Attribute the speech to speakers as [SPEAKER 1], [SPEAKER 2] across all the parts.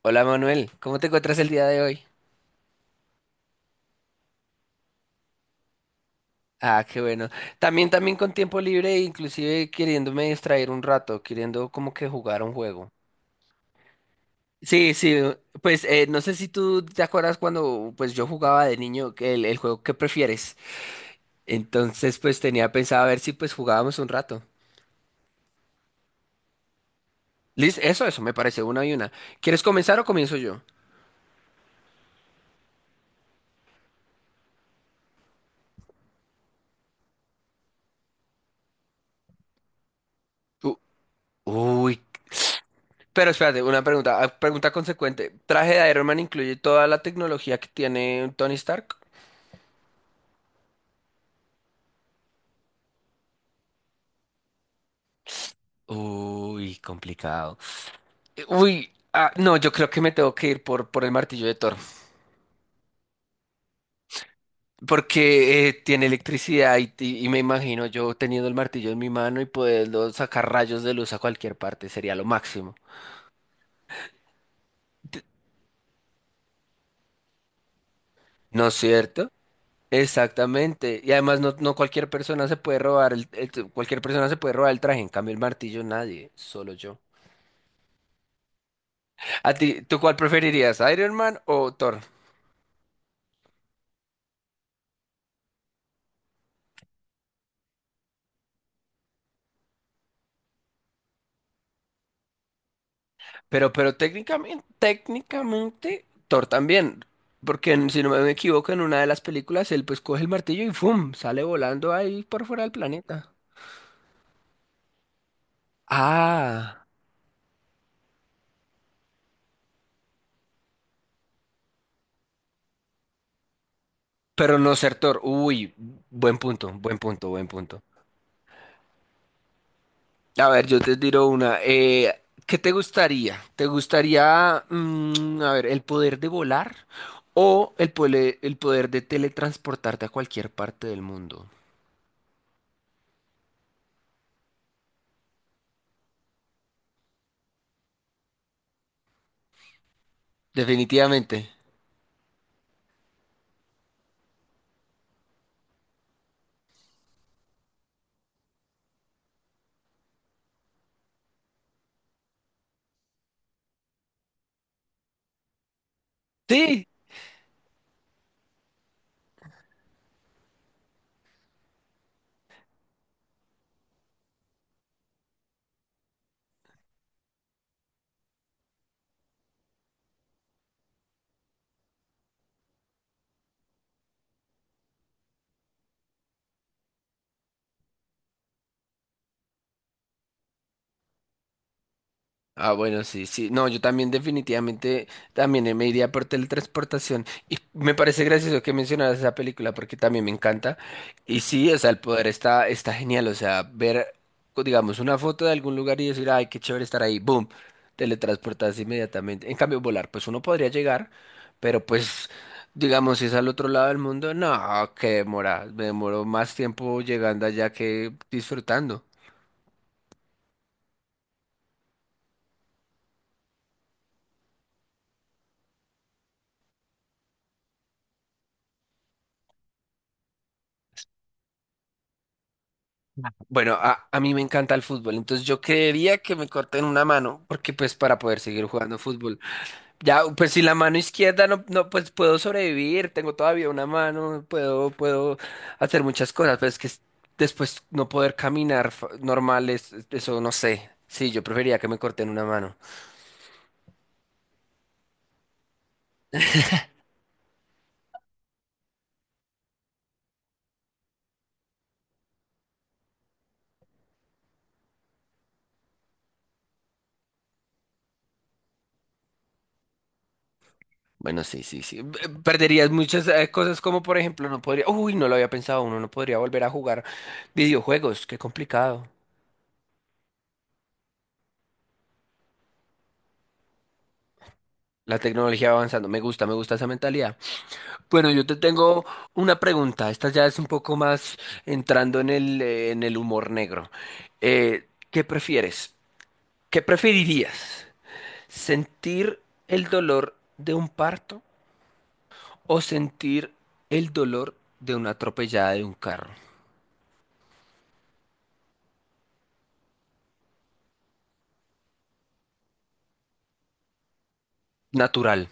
[SPEAKER 1] Hola Manuel, ¿cómo te encuentras el día de hoy? Ah, qué bueno. También, también con tiempo libre, e inclusive queriéndome distraer un rato, queriendo como que jugar un juego. Sí, sí, pues no sé si tú te acuerdas cuando pues yo jugaba de niño que el juego ¿Qué prefieres? Entonces pues tenía pensado a ver si pues jugábamos un rato. Liz, eso, me parece una y una. ¿Quieres comenzar o comienzo yo? U- Uy. Pero espérate, una pregunta, pregunta consecuente. ¿Traje de Iron Man incluye toda la tecnología que tiene Tony Stark? Uy, complicado. Uy, no, yo creo que me tengo que ir por el martillo de Thor, porque tiene electricidad y me imagino yo teniendo el martillo en mi mano y poderlo sacar rayos de luz a cualquier parte, sería lo máximo, ¿no es cierto? Exactamente, y además no, no cualquier persona se puede robar cualquier persona se puede robar el traje, en cambio el martillo nadie, solo yo. ¿A ti, tú cuál preferirías, Iron Man o Thor? Pero técnicamente, técnicamente, Thor también. Porque si no me equivoco, en una de las películas él pues coge el martillo y ¡fum! Sale volando ahí por fuera del planeta. Ah, pero no ser Thor. Uy, buen punto, buen punto, buen punto. A ver, yo te tiro una. ¿Qué te gustaría? ¿Te gustaría, mm, a ver, el poder de volar o el poder de teletransportarte a cualquier parte del mundo? Definitivamente. Sí. Ah, bueno, sí, sí. No, yo también definitivamente también me iría por teletransportación. Y me parece gracioso que mencionaras esa película porque también me encanta. Y sí, o sea, el poder está, está genial. O sea, ver, digamos, una foto de algún lugar y decir, ay, qué chévere estar ahí. ¡Boom! Teletransportarse inmediatamente. En cambio, volar, pues uno podría llegar, pero pues, digamos, si es al otro lado del mundo, no, qué demora. Me demoro más tiempo llegando allá que disfrutando. Bueno, a mí me encanta el fútbol, entonces yo creería que me corten una mano, porque pues para poder seguir jugando fútbol. Ya, pues si la mano izquierda no, no, pues puedo sobrevivir, tengo todavía una mano, puedo, puedo hacer muchas cosas, pero es que después no poder caminar normal, eso no sé. Sí, yo preferiría que me corten una mano. Bueno, sí, sí, sí. Perderías muchas cosas como, por ejemplo, no podría, uy, no lo había pensado, uno no podría volver a jugar videojuegos, qué complicado. La tecnología va avanzando, me gusta esa mentalidad. Bueno, yo te tengo una pregunta. Esta ya es un poco más entrando en el humor negro. ¿Qué prefieres? ¿Qué preferirías? ¿Sentir el dolor de un parto o sentir el dolor de una atropellada de un carro? Natural.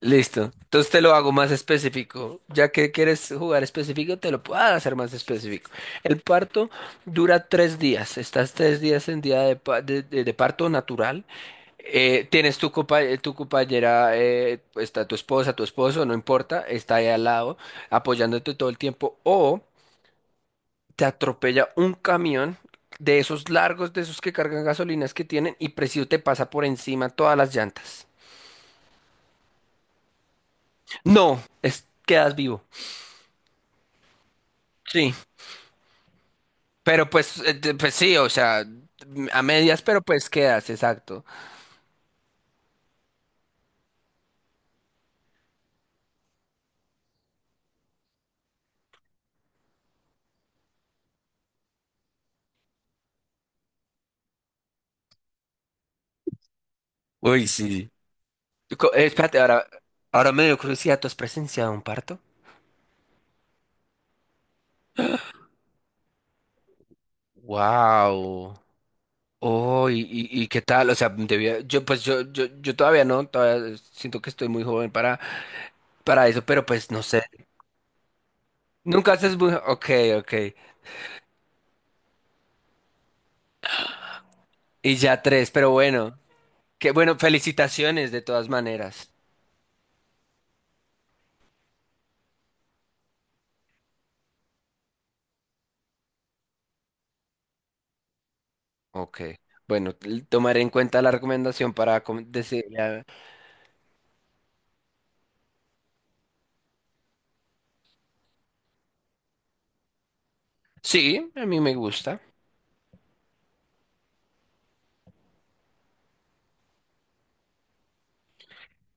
[SPEAKER 1] Listo. Entonces te lo hago más específico. Ya que quieres jugar específico, te lo puedo hacer más específico. El parto dura tres días. Estás tres días en día de, de parto natural. Tienes tu, tu compañera, está tu esposa, tu esposo, no importa, está ahí al lado apoyándote todo el tiempo. O te atropella un camión de esos largos, de esos que cargan gasolinas que tienen y preciso te pasa por encima todas las llantas. No, es, quedas vivo. Sí. Pero pues, pues sí, o sea, a medias, pero pues quedas, exacto. Uy, sí. Espérate, ahora, ahora me dio curiosidad, ¿tú has presenciado un parto? Wow. Oh, y qué tal, o sea, debía, yo pues yo todavía no, todavía siento que estoy muy joven para eso, pero pues no sé. Nunca haces muy, ok, ok. Y ya tres, pero bueno, qué bueno, felicitaciones de todas maneras. Ok. Bueno, tomaré en cuenta la recomendación para decir sí, a mí me gusta.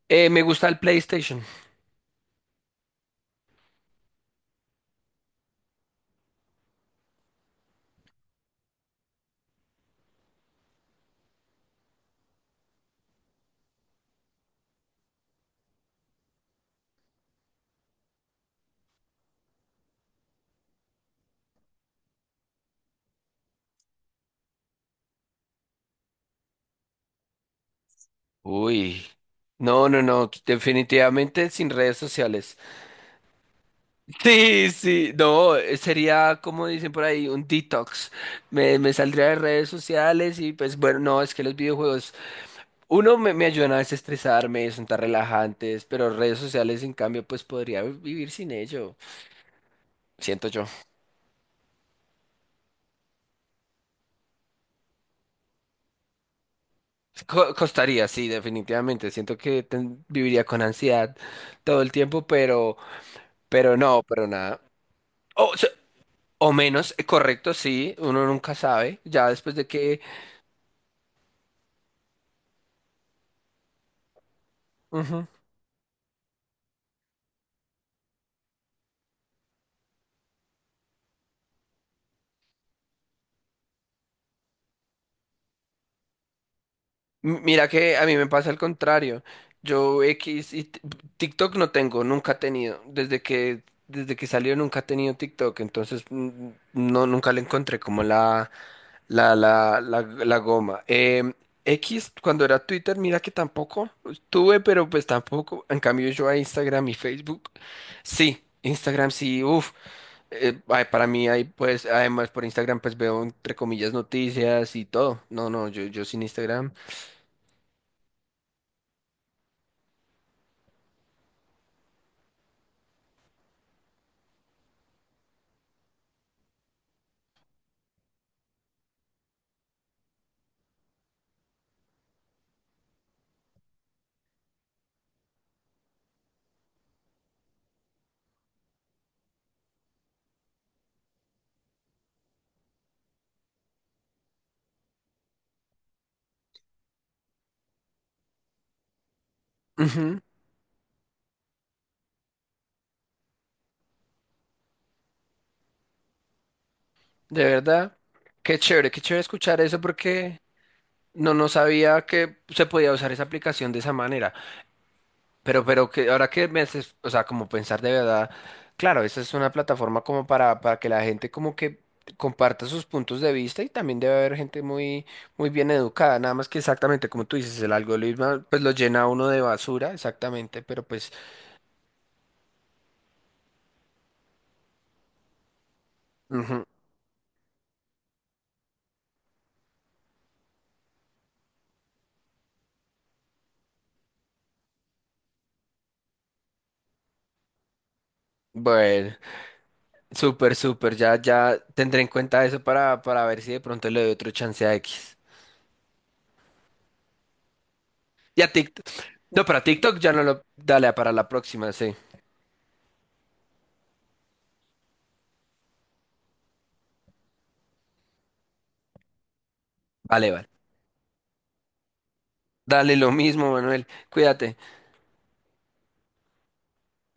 [SPEAKER 1] Me gusta el PlayStation. Uy. No, no, no, definitivamente sin redes sociales. Sí, sí, no, sería como dicen por ahí, un detox. Me saldría de redes sociales y pues bueno, no, es que los videojuegos, uno me ayudan a desestresarme, son tan relajantes, pero redes sociales en cambio pues podría vivir sin ello, siento yo. Costaría, sí, definitivamente, siento que viviría con ansiedad todo el tiempo, pero... Pero no, pero nada. O, se- o menos, correcto, sí, uno nunca sabe, ya después de que... Ujú. Mira que a mí me pasa el contrario. Yo X TikTok no tengo, nunca he tenido. Desde que salió nunca he tenido TikTok, entonces mm, no, nunca le encontré como la goma. X, cuando era Twitter, mira que tampoco tuve, pero pues tampoco. En cambio yo a Instagram y Facebook. Sí, Instagram sí, uff. Ay, para mí hay pues, además por Instagram pues veo entre comillas noticias y todo. No, no, yo sin Instagram. Ujú, de verdad. Qué chévere escuchar eso porque no, no sabía que se podía usar esa aplicación de esa manera. Pero que ahora que me haces, o sea, como pensar de verdad, claro, esa es una plataforma como para que la gente como que comparta sus puntos de vista y también debe haber gente muy, muy bien educada, nada más que exactamente como tú dices, el algoritmo pues lo llena a uno de basura, exactamente, pero pues ujú. Bueno, súper, súper. Ya, ya tendré en cuenta eso para ver si de pronto le doy otro chance a X. Y a TikTok. No, para TikTok ya no lo. Dale, para la próxima, sí. Vale, vale. Dale lo mismo, Manuel. Cuídate.